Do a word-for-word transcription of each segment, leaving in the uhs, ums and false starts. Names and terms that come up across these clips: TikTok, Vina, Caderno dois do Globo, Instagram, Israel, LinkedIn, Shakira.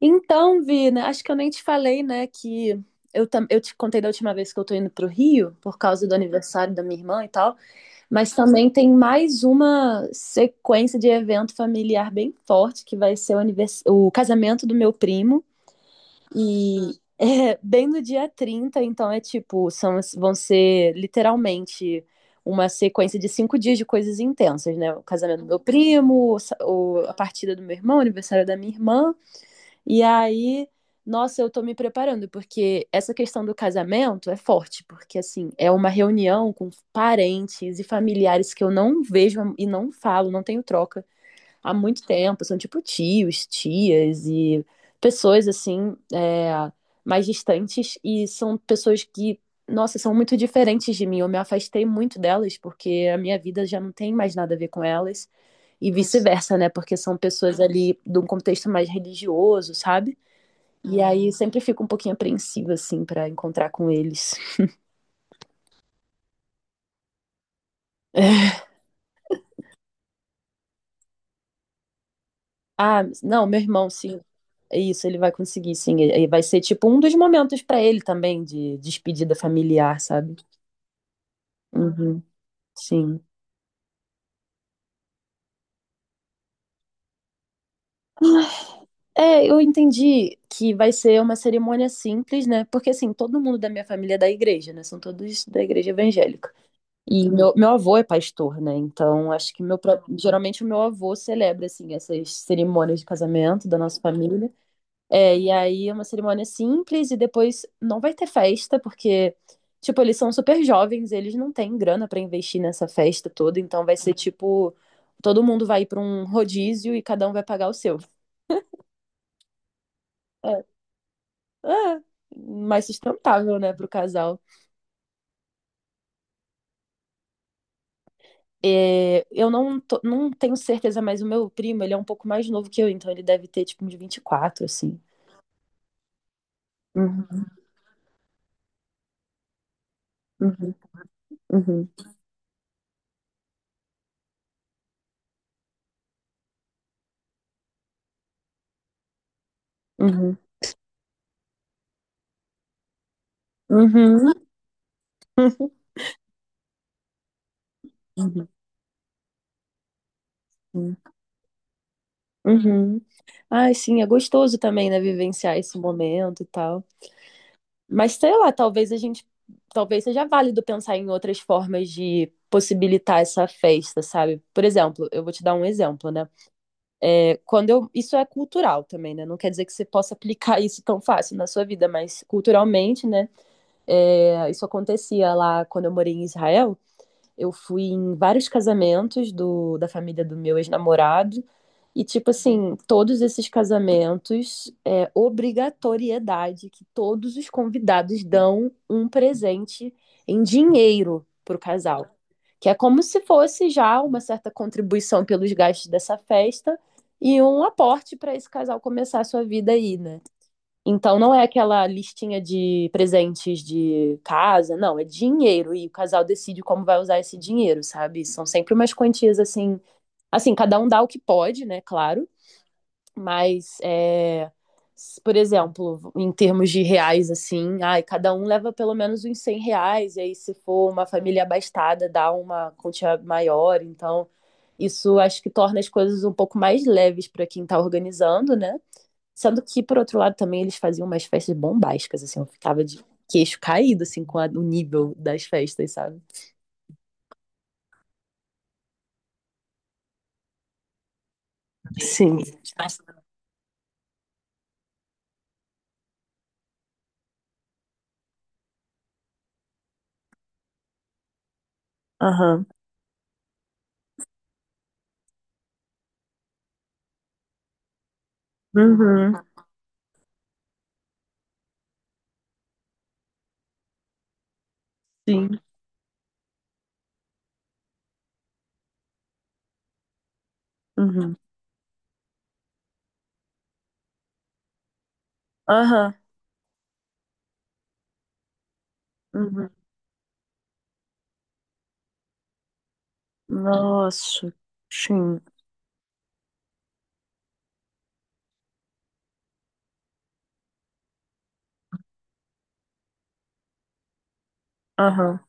Então, Vina, acho que eu nem te falei, né, que eu, tam- eu te contei da última vez que eu tô indo pro Rio, por causa do aniversário da minha irmã e tal, mas também tem mais uma sequência de evento familiar bem forte, que vai ser o, anivers- o casamento do meu primo, e é bem no dia trinta. Então é tipo, são, vão ser literalmente uma sequência de cinco dias de coisas intensas, né? O casamento do meu primo, o, sa- o- a partida do meu irmão, o aniversário da minha irmã, e aí, nossa, eu tô me preparando, porque essa questão do casamento é forte, porque assim, é uma reunião com parentes e familiares que eu não vejo e não falo, não tenho troca há muito tempo, são tipo tios, tias e pessoas assim, é, mais distantes, e são pessoas que, nossa, são muito diferentes de mim. Eu me afastei muito delas porque a minha vida já não tem mais nada a ver com elas, e vice-versa, né? Porque são pessoas ali de um contexto mais religioso, sabe? E aí sempre fico um pouquinho apreensiva, assim, pra encontrar com eles. Ah, não, meu irmão, sim. Isso, ele vai conseguir, sim. E e vai ser tipo um dos momentos pra ele também de despedida familiar, sabe? Uhum, sim. É, eu entendi que vai ser uma cerimônia simples, né? Porque assim, todo mundo da minha família é da igreja, né? São todos da igreja evangélica. E meu, meu avô é pastor, né? Então, acho que meu pró- geralmente o meu avô celebra assim essas cerimônias de casamento da nossa família. É, e aí é uma cerimônia simples e depois não vai ter festa, porque, tipo, eles são super jovens, eles não têm grana pra investir nessa festa toda, então vai ser tipo, todo mundo vai para um rodízio e cada um vai pagar o seu. É, é, mais sustentável, né, pro casal. É, eu não, tô- não tenho certeza, mas o meu primo, ele é um pouco mais novo que eu, então ele deve ter, tipo, uns vinte e quatro assim. Uhum, uhum, uhum, uhum, uhum, uhum, uhum, uhum. Ai, sim, é gostoso também, né, vivenciar esse momento e tal. Mas sei lá, talvez a gente, talvez seja válido pensar em outras formas de possibilitar essa festa, sabe? Por exemplo, eu vou te dar um exemplo, né? É, quando eu, isso é cultural também, né? Não quer dizer que você possa aplicar isso tão fácil na sua vida, mas culturalmente, né? É, isso acontecia lá quando eu morei em Israel. Eu fui em vários casamentos do, da família do meu ex-namorado. E, tipo assim, todos esses casamentos é obrigatoriedade que todos os convidados dão um presente em dinheiro pro casal. Que é como se fosse já uma certa contribuição pelos gastos dessa festa e um aporte para esse casal começar a sua vida aí, né? Então não é aquela listinha de presentes de casa, não, é dinheiro e o casal decide como vai usar esse dinheiro, sabe? São sempre umas quantias assim, assim, cada um dá o que pode, né, claro, mas é, por exemplo, em termos de reais assim, ai, cada um leva pelo menos uns cem reais e aí se for uma família abastada dá uma quantia maior, então isso acho que torna as coisas um pouco mais leves para quem está organizando, né? Sendo que, por outro lado, também eles faziam umas festas bombásticas, assim, eu ficava de queixo caído, assim, com a- o nível das festas, sabe? Sim. Aham. Uhum. Sim. Uhum. Aham. Uhum. Nossa. Sim. Aham.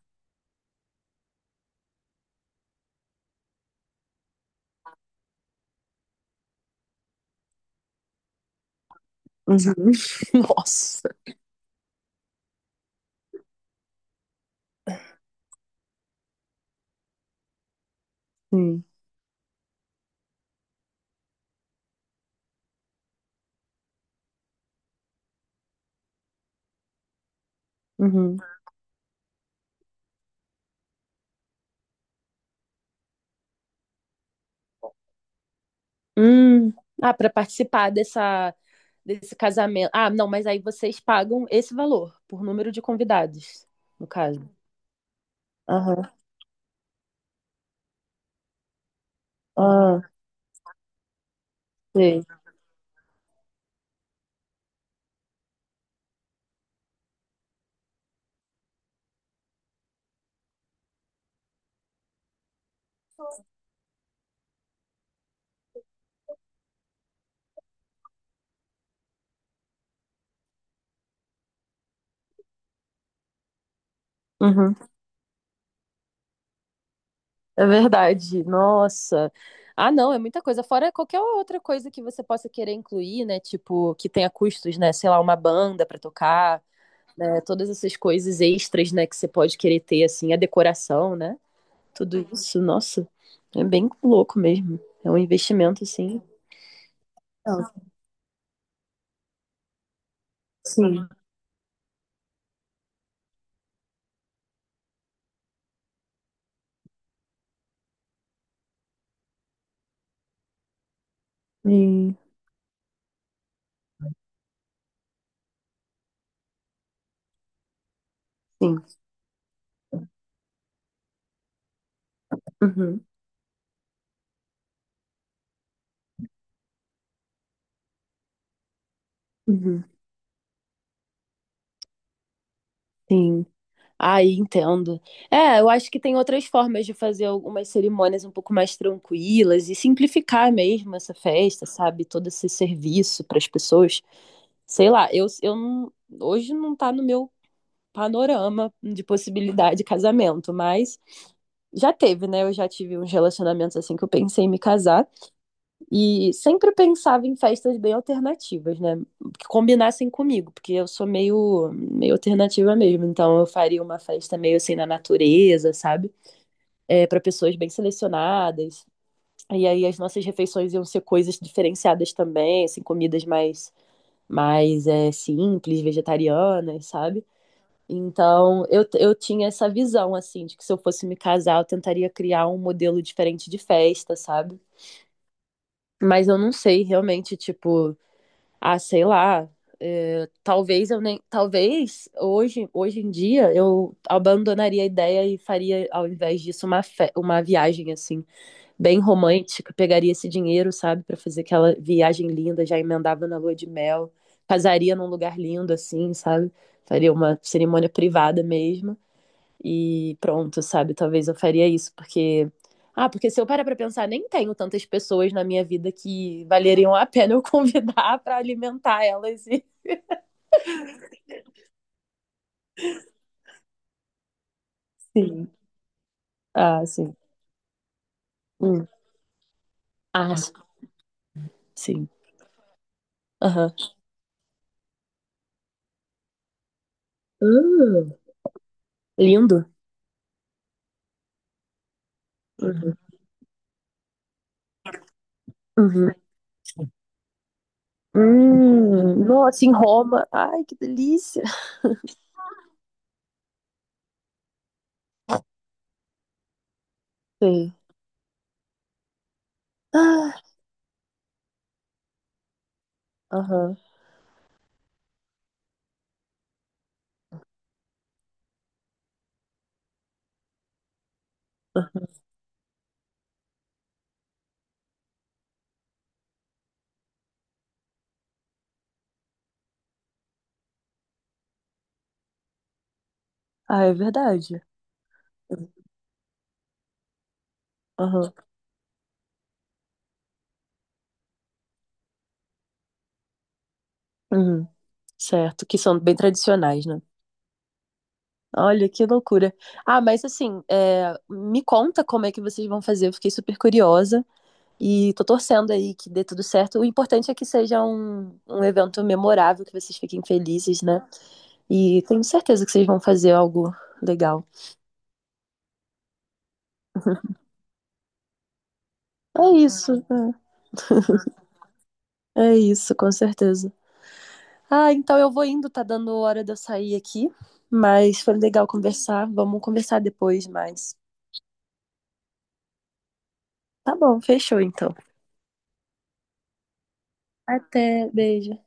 Uhum. Nossa. Sim. Uhum. Hum. Ah, para participar dessa, desse casamento. Ah, não, mas aí vocês pagam esse valor por número de convidados, no caso. Aham. Ah, sei. Uhum. É verdade. Nossa. Ah, não, é muita coisa. Fora qualquer outra coisa que você possa querer incluir, né? Tipo, que tenha custos, né? Sei lá, uma banda pra tocar, é, todas essas coisas extras, né? Que você pode querer ter, assim, a decoração, né? Tudo isso, nossa, é bem louco mesmo. É um investimento, assim. Não, sim, E- sim. Uhum, uhum, sim. Ah, entendo. É, eu acho que tem outras formas de fazer algumas cerimônias um pouco mais tranquilas e simplificar mesmo essa festa, sabe? Todo esse serviço para as pessoas. Sei lá, eu, eu não, hoje não tá no meu panorama de possibilidade de casamento, mas já teve, né? Eu já tive uns relacionamentos assim que eu pensei em me casar. E sempre pensava em festas bem alternativas, né? Que combinassem comigo, porque eu sou meio, meio alternativa mesmo. Então eu faria uma festa meio assim na natureza, sabe? É, para pessoas bem selecionadas. E aí as nossas refeições iam ser coisas diferenciadas também, assim, comidas mais, mais é, simples, vegetarianas, sabe? Então eu, eu tinha essa visão, assim, de que se eu fosse me casar, eu tentaria criar um modelo diferente de festa, sabe? Mas eu não sei realmente, tipo. Ah, sei lá. Eh, talvez eu nem. Talvez hoje, hoje em dia eu abandonaria a ideia e faria, ao invés disso, uma, fe- uma viagem assim, bem romântica. Pegaria esse dinheiro, sabe, para fazer aquela viagem linda, já emendava na lua de mel, casaria num lugar lindo, assim, sabe? Faria uma cerimônia privada mesmo. E pronto, sabe? Talvez eu faria isso, porque. Ah, porque se eu parar pra pensar, nem tenho tantas pessoas na minha vida que valeriam a pena eu convidar pra alimentar elas. E... Sim. Ah, sim. Hum. Ah, sim. Aham. Hum, lindo. Uhum. Uhum. Hum, nossa, em Roma. Ai, que delícia. Sei. Ah, aham. Ah, é verdade. Aham. Uhum. Certo, que são bem tradicionais, né? Olha, que loucura. Ah, mas assim, é, me conta como é que vocês vão fazer. Eu fiquei super curiosa e tô torcendo aí que dê tudo certo. O importante é que seja um, um evento memorável, que vocês fiquem felizes, né? E tenho certeza que vocês vão fazer algo legal. É isso, é, é isso, com certeza. Ah, então eu vou indo, tá dando hora de eu sair aqui, mas foi legal conversar. Vamos conversar depois mais. Tá bom, fechou então. Até, beijo.